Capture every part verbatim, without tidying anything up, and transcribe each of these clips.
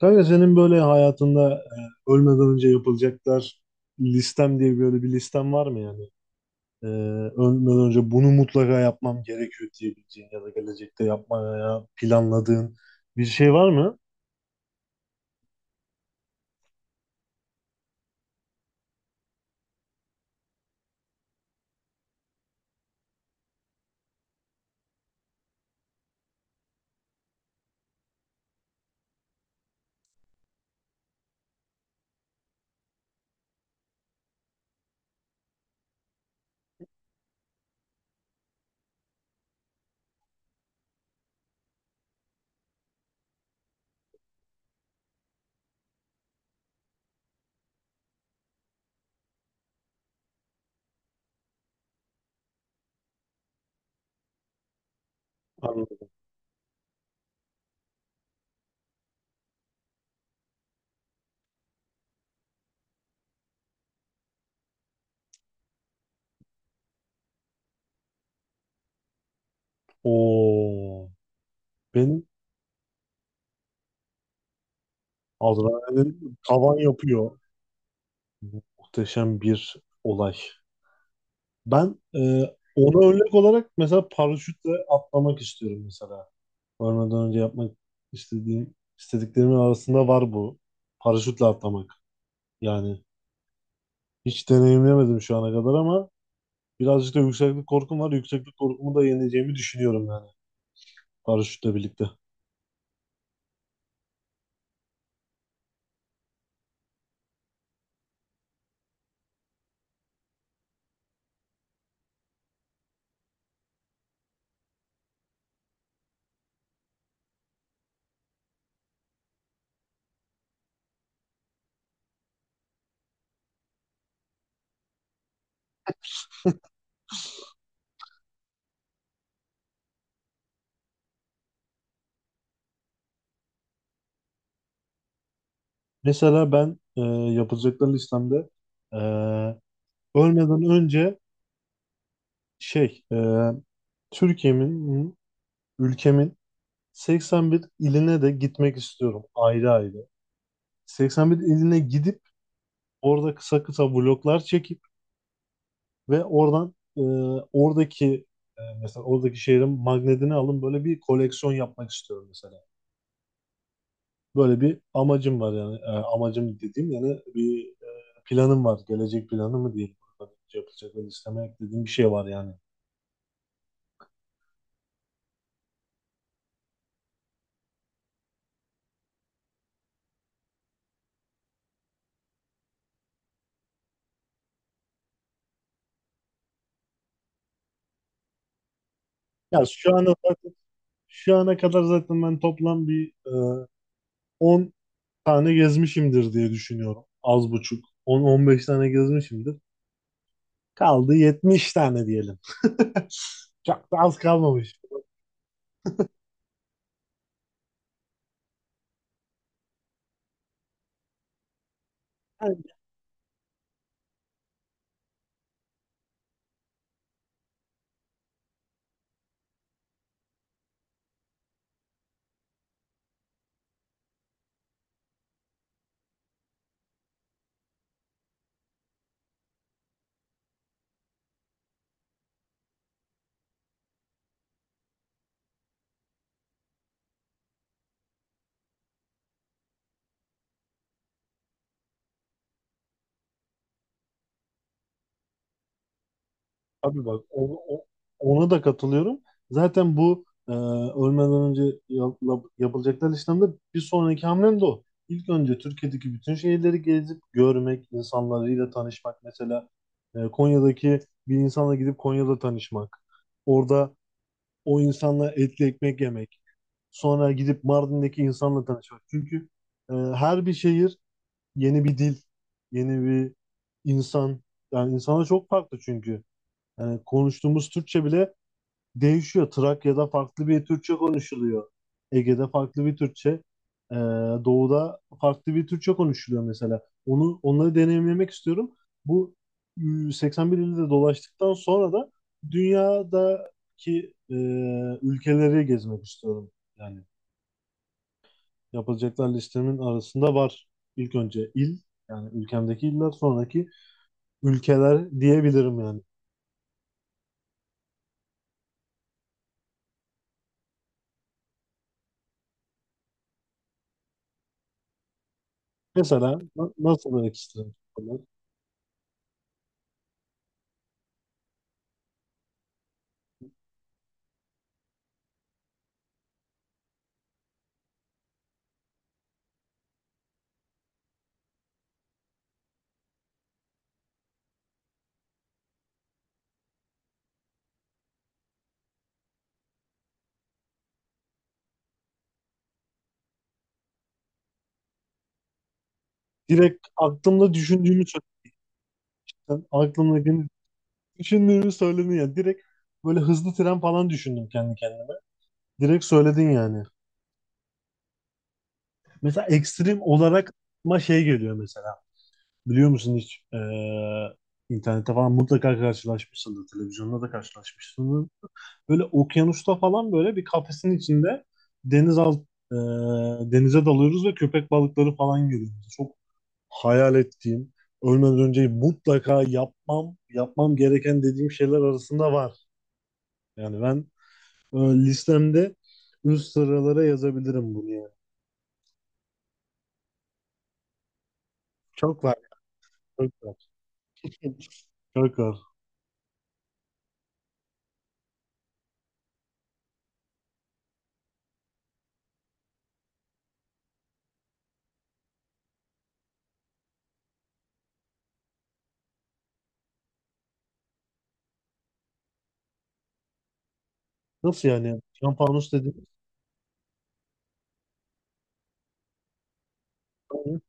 Kanka senin böyle hayatında e, ölmeden önce yapılacaklar listem diye böyle bir listem var mı yani? E, Ölmeden önce bunu mutlaka yapmam gerekiyor diyebileceğin ya da gelecekte yapmaya planladığın bir şey var mı? Anladım. Oo, benim adrenalin tavan yapıyor. Muhteşem bir olay. Ben e, ona örnek olarak mesela paraşütle atlamak istiyorum mesela. Varmadan önce yapmak istediğim, istediklerimin arasında var bu. Paraşütle atlamak. Yani hiç deneyimlemedim şu ana kadar ama birazcık da yükseklik korkum var. Yükseklik korkumu da yeneceğimi düşünüyorum yani, paraşütle birlikte. Mesela ben e, yapılacaklar listemde e, ölmeden önce şey e, Türkiye'min, ülkemin seksen bir iline de gitmek istiyorum ayrı ayrı. seksen bir iline gidip orada kısa kısa vloglar çekip ve oradan e, oradaki e, mesela oradaki şehrin magnetini alın, böyle bir koleksiyon yapmak istiyorum mesela. Böyle bir amacım var yani. E, amacım dediğim yani bir e, planım var. Gelecek planı mı diyeyim. Yapılacak ve listeme eklediğim bir şey var yani. Ya şu an olarak, şu ana kadar zaten ben toplam bir e, on tane gezmişimdir diye düşünüyorum. Az buçuk, on on beş tane gezmişimdir. Kaldı yetmiş tane diyelim. Çok da az kalmamış. Yani, tabii bak o- o- ona da katılıyorum. Zaten bu e, ölmeden önce yap- yapılacaklar listemde bir sonraki hamlem de o. İlk önce Türkiye'deki bütün şehirleri gezip görmek, insanlarıyla tanışmak. Mesela e, Konya'daki bir insanla gidip Konya'da tanışmak. Orada o insanla etli ekmek yemek. Sonra gidip Mardin'deki insanla tanışmak. Çünkü e, her bir şehir yeni bir dil, yeni bir insan. Yani insana çok farklı çünkü. Yani konuştuğumuz Türkçe bile değişiyor. Trakya'da farklı bir Türkçe konuşuluyor. Ege'de farklı bir Türkçe. Ee, Doğuda farklı bir Türkçe konuşuluyor mesela. Onu onları deneyimlemek istiyorum. Bu e, seksen bir ilde dolaştıktan sonra da dünyadaki e, ülkeleri gezmek istiyorum. Yani yapılacaklar listemin arasında var. İlk önce il, yani ülkemdeki iller, sonraki ülkeler diyebilirim yani. Mesela na- nasıl örnek isterim? Direkt aklımda düşündüğümü, sen aklımdakini düşündüğünü söyledin ya. Direkt böyle hızlı tren falan düşündüm kendi kendime. Direkt söyledin yani. Mesela ekstrem olarak ma şey geliyor mesela. Biliyor musun hiç? Ee, internette falan mutlaka karşılaşmışsındır. Televizyonda da karşılaşmışsındır. Böyle okyanusta falan böyle bir kafesin içinde deniz alt, e, denize dalıyoruz ve köpek balıkları falan görüyoruz. Çok hayal ettiğim, ölmeden önce mutlaka yapmam, yapmam gereken dediğim şeyler arasında var. Yani ben e, listemde üst sıralara yazabilirim bunu yani. Çok var. Çok var. Çok var. Nasıl yani? Şampanus dediğimiz tatil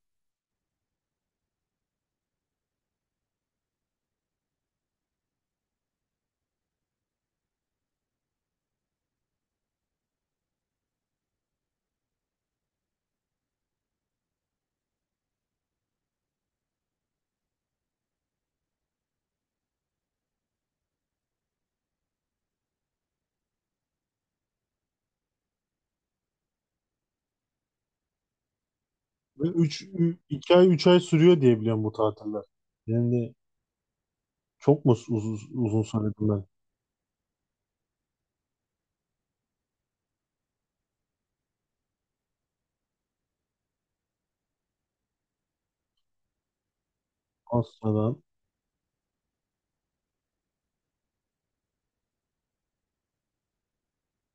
ve üç iki ay üç ay sürüyor diye biliyorum bu tatiller. Yani çok mu uz- uz- uzun, söyledim ben? Asla.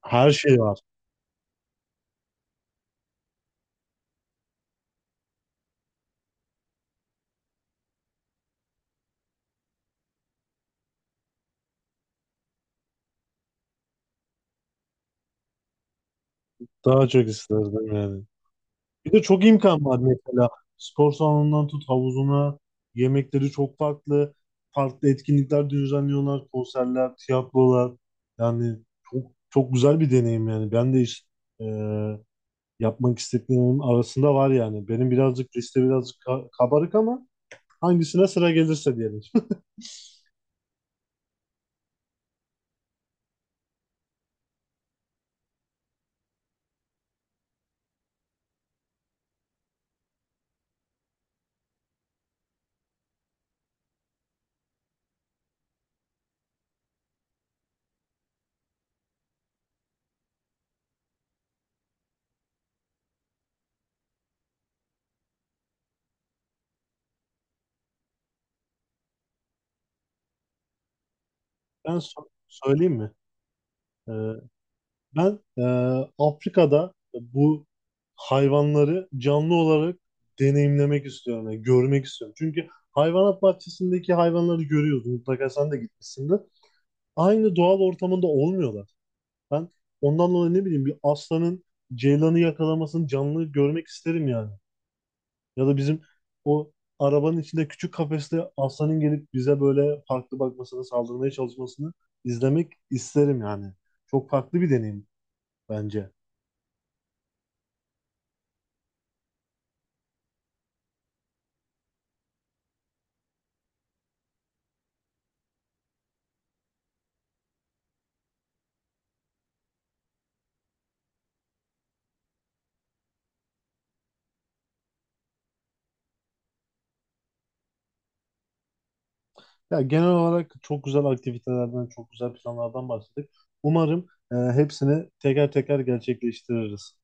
Her şey var. Daha çok isterdim yani. Bir de çok imkan var mesela. Spor salonundan tut havuzuna, yemekleri çok farklı. Farklı etkinlikler düzenliyorlar, konserler, tiyatrolar. Yani çok çok güzel bir deneyim yani. Ben de iş e, yapmak istediklerimin arasında var yani. Benim birazcık liste birazcık ka- kabarık ama hangisine sıra gelirse diyelim. Ben so- söyleyeyim mi? E, Ben e, Afrika'da bu hayvanları canlı olarak deneyimlemek istiyorum, yani görmek istiyorum. Çünkü hayvanat bahçesindeki hayvanları görüyoruz. Mutlaka sen de gitmişsindir. Aynı doğal ortamında olmuyorlar. Ben ondan dolayı, ne bileyim, bir aslanın ceylanı yakalamasını canlı görmek isterim yani. Ya da bizim o arabanın içinde küçük kafeste aslanın gelip bize böyle farklı bakmasını, saldırmaya çalışmasını izlemek isterim yani. Çok farklı bir deneyim bence. Ya genel olarak çok güzel aktivitelerden, çok güzel planlardan bahsettik. Umarım e, hepsini teker teker gerçekleştiririz.